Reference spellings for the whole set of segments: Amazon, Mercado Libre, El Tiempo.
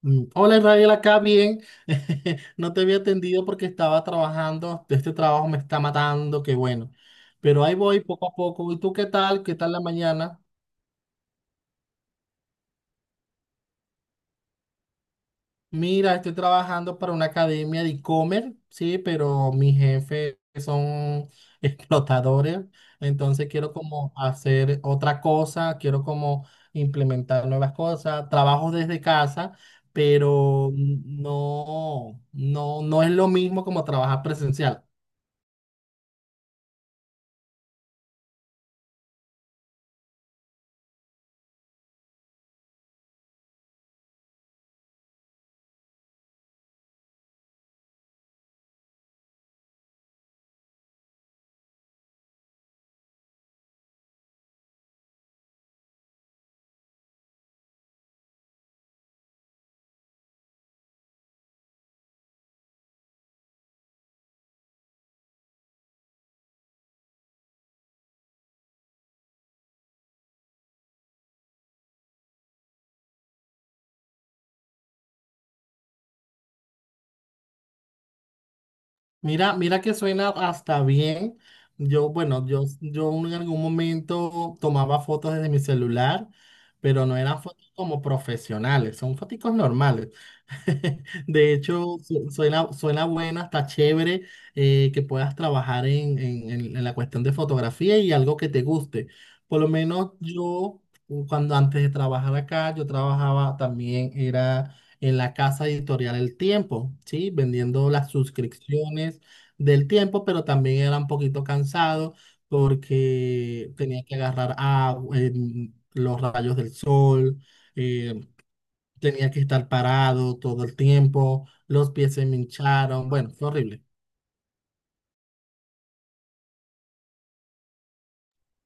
Hola Israel, acá bien. No te había atendido porque estaba trabajando. Este trabajo me está matando, qué bueno. Pero ahí voy poco a poco. ¿Y tú qué tal? ¿Qué tal la mañana? Mira, estoy trabajando para una academia de e-commerce, sí, pero mis jefes son explotadores. Entonces quiero como hacer otra cosa, quiero como implementar nuevas cosas. Trabajo desde casa pero no, no, no es lo mismo como trabajar presencial. Mira que suena hasta bien. Yo, bueno, yo en algún momento tomaba fotos desde mi celular, pero no eran fotos como profesionales, son fotos normales. De hecho, suena, suena buena, está chévere que puedas trabajar en la cuestión de fotografía y algo que te guste. Por lo menos yo, cuando antes de trabajar acá, yo trabajaba también, era en la casa editorial El Tiempo, ¿sí? Vendiendo las suscripciones del Tiempo, pero también era un poquito cansado porque tenía que agarrar agua, los rayos del sol. eh, Tenía que estar parado todo el tiempo, los pies se me hincharon, bueno, fue horrible.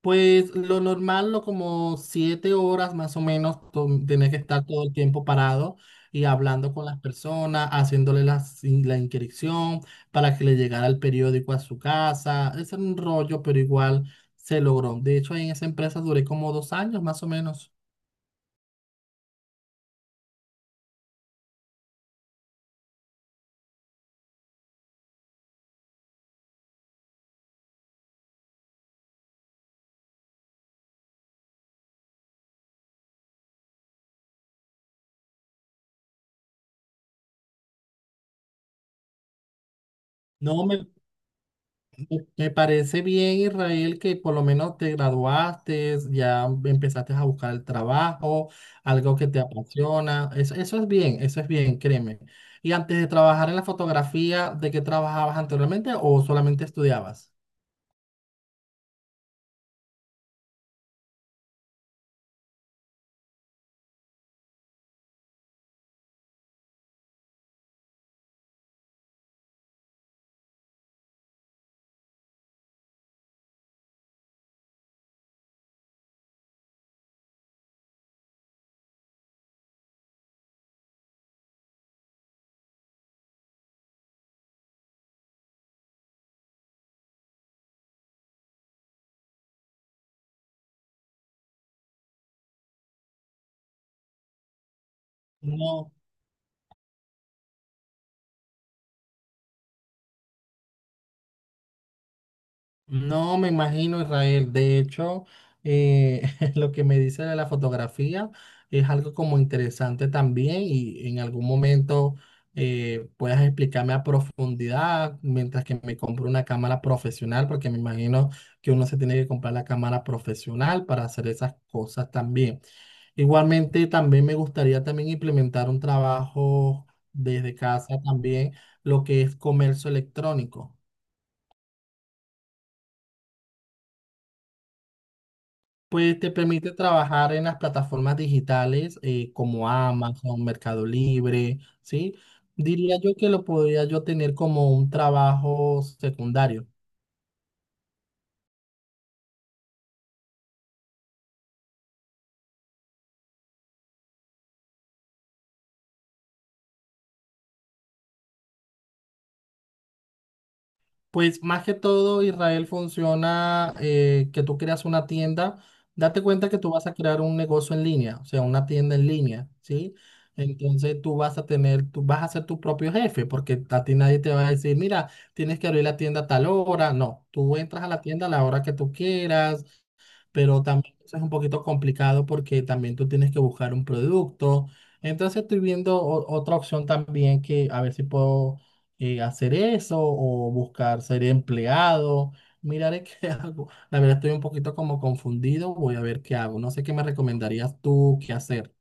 Pues lo normal, lo como 7 horas más o menos, tenía que estar todo el tiempo parado y hablando con las personas, haciéndole la inscripción para que le llegara el periódico a su casa. Ese era un rollo, pero igual se logró. De hecho, ahí en esa empresa duré como 2 años más o menos. No me Me parece bien, Israel, que por lo menos te graduaste, ya empezaste a buscar el trabajo, algo que te apasiona. Eso, eso es bien, créeme. Y antes de trabajar en la fotografía, ¿de qué trabajabas anteriormente o solamente estudiabas? No. No, me imagino, Israel. De hecho, eh, lo que me dice de la fotografía es algo como interesante también y en algún momento puedas explicarme a profundidad mientras que me compro una cámara profesional, porque me imagino que uno se tiene que comprar la cámara profesional para hacer esas cosas también. Igualmente, también me gustaría también implementar un trabajo desde casa también, lo que es comercio electrónico. Pues te permite trabajar en las plataformas digitales como Amazon, Mercado Libre, ¿sí? Diría yo que lo podría yo tener como un trabajo secundario. Pues más que todo, Israel funciona que tú creas una tienda, date cuenta que tú vas a crear un negocio en línea, o sea, una tienda en línea, ¿sí? Entonces tú vas a tener, tú vas a ser tu propio jefe, porque a ti nadie te va a decir, mira, tienes que abrir la tienda a tal hora. No, tú entras a la tienda a la hora que tú quieras pero también eso es un poquito complicado porque también tú tienes que buscar un producto. Entonces estoy viendo otra opción también que a ver si puedo hacer eso o buscar ser empleado. Miraré qué hago. La verdad estoy un poquito como confundido. Voy a ver qué hago. No sé qué me recomendarías tú qué hacer.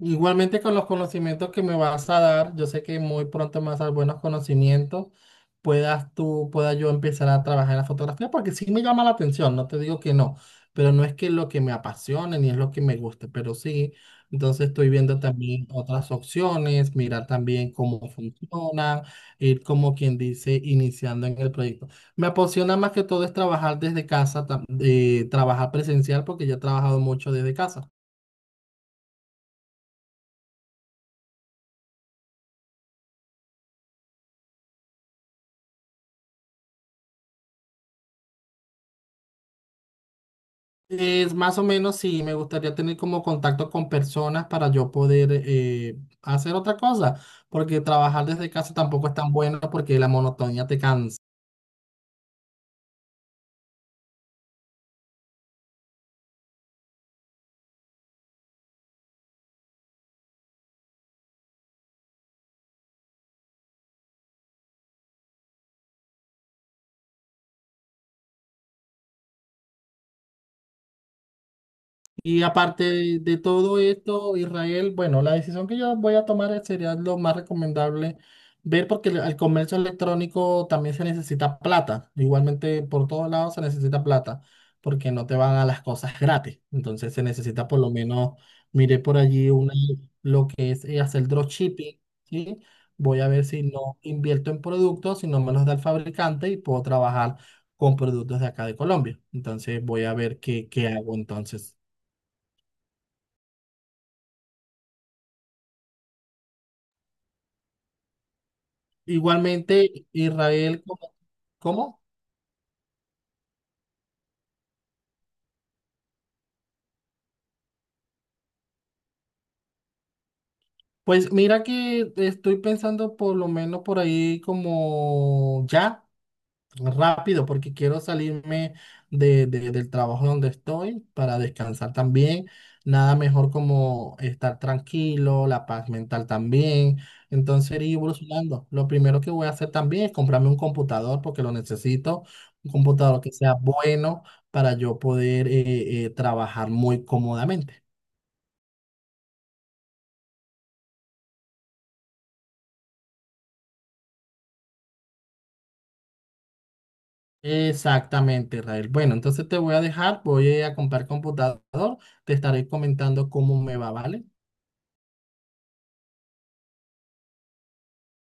Igualmente con los conocimientos que me vas a dar, yo sé que muy pronto me vas a dar buenos conocimientos, puedas tú, pueda yo empezar a trabajar en la fotografía, porque sí me llama la atención, no te digo que no, pero no es que es lo que me apasione ni es lo que me guste, pero sí, entonces estoy viendo también otras opciones, mirar también cómo funcionan, ir como quien dice, iniciando en el proyecto. Me apasiona más que todo es trabajar desde casa, trabajar presencial, porque yo he trabajado mucho desde casa. Es más o menos sí, me gustaría tener como contacto con personas para yo poder hacer otra cosa, porque trabajar desde casa tampoco es tan bueno porque la monotonía te cansa. Y aparte de todo esto, Israel, bueno, la decisión que yo voy a tomar sería lo más recomendable ver porque el comercio electrónico también se necesita plata. Igualmente por todos lados se necesita plata porque no te van a las cosas gratis. Entonces se necesita por lo menos, miré por allí una, lo que es hacer dropshipping, ¿sí? Voy a ver si no invierto en productos, si no me los da el fabricante y puedo trabajar con productos de acá de Colombia. Entonces voy a ver qué, qué hago entonces. Igualmente, Israel, ¿cómo? ¿Cómo? Pues mira que estoy pensando por lo menos por ahí como ya, rápido, porque quiero salirme del trabajo donde estoy para descansar también. Nada mejor como estar tranquilo, la paz mental también. Entonces ir evolucionando. Lo primero que voy a hacer también es comprarme un computador porque lo necesito, un computador que sea bueno para yo poder trabajar muy cómodamente. Exactamente, Israel. Bueno, entonces te voy a dejar, voy a comprar computador, te estaré comentando cómo me va, ¿vale?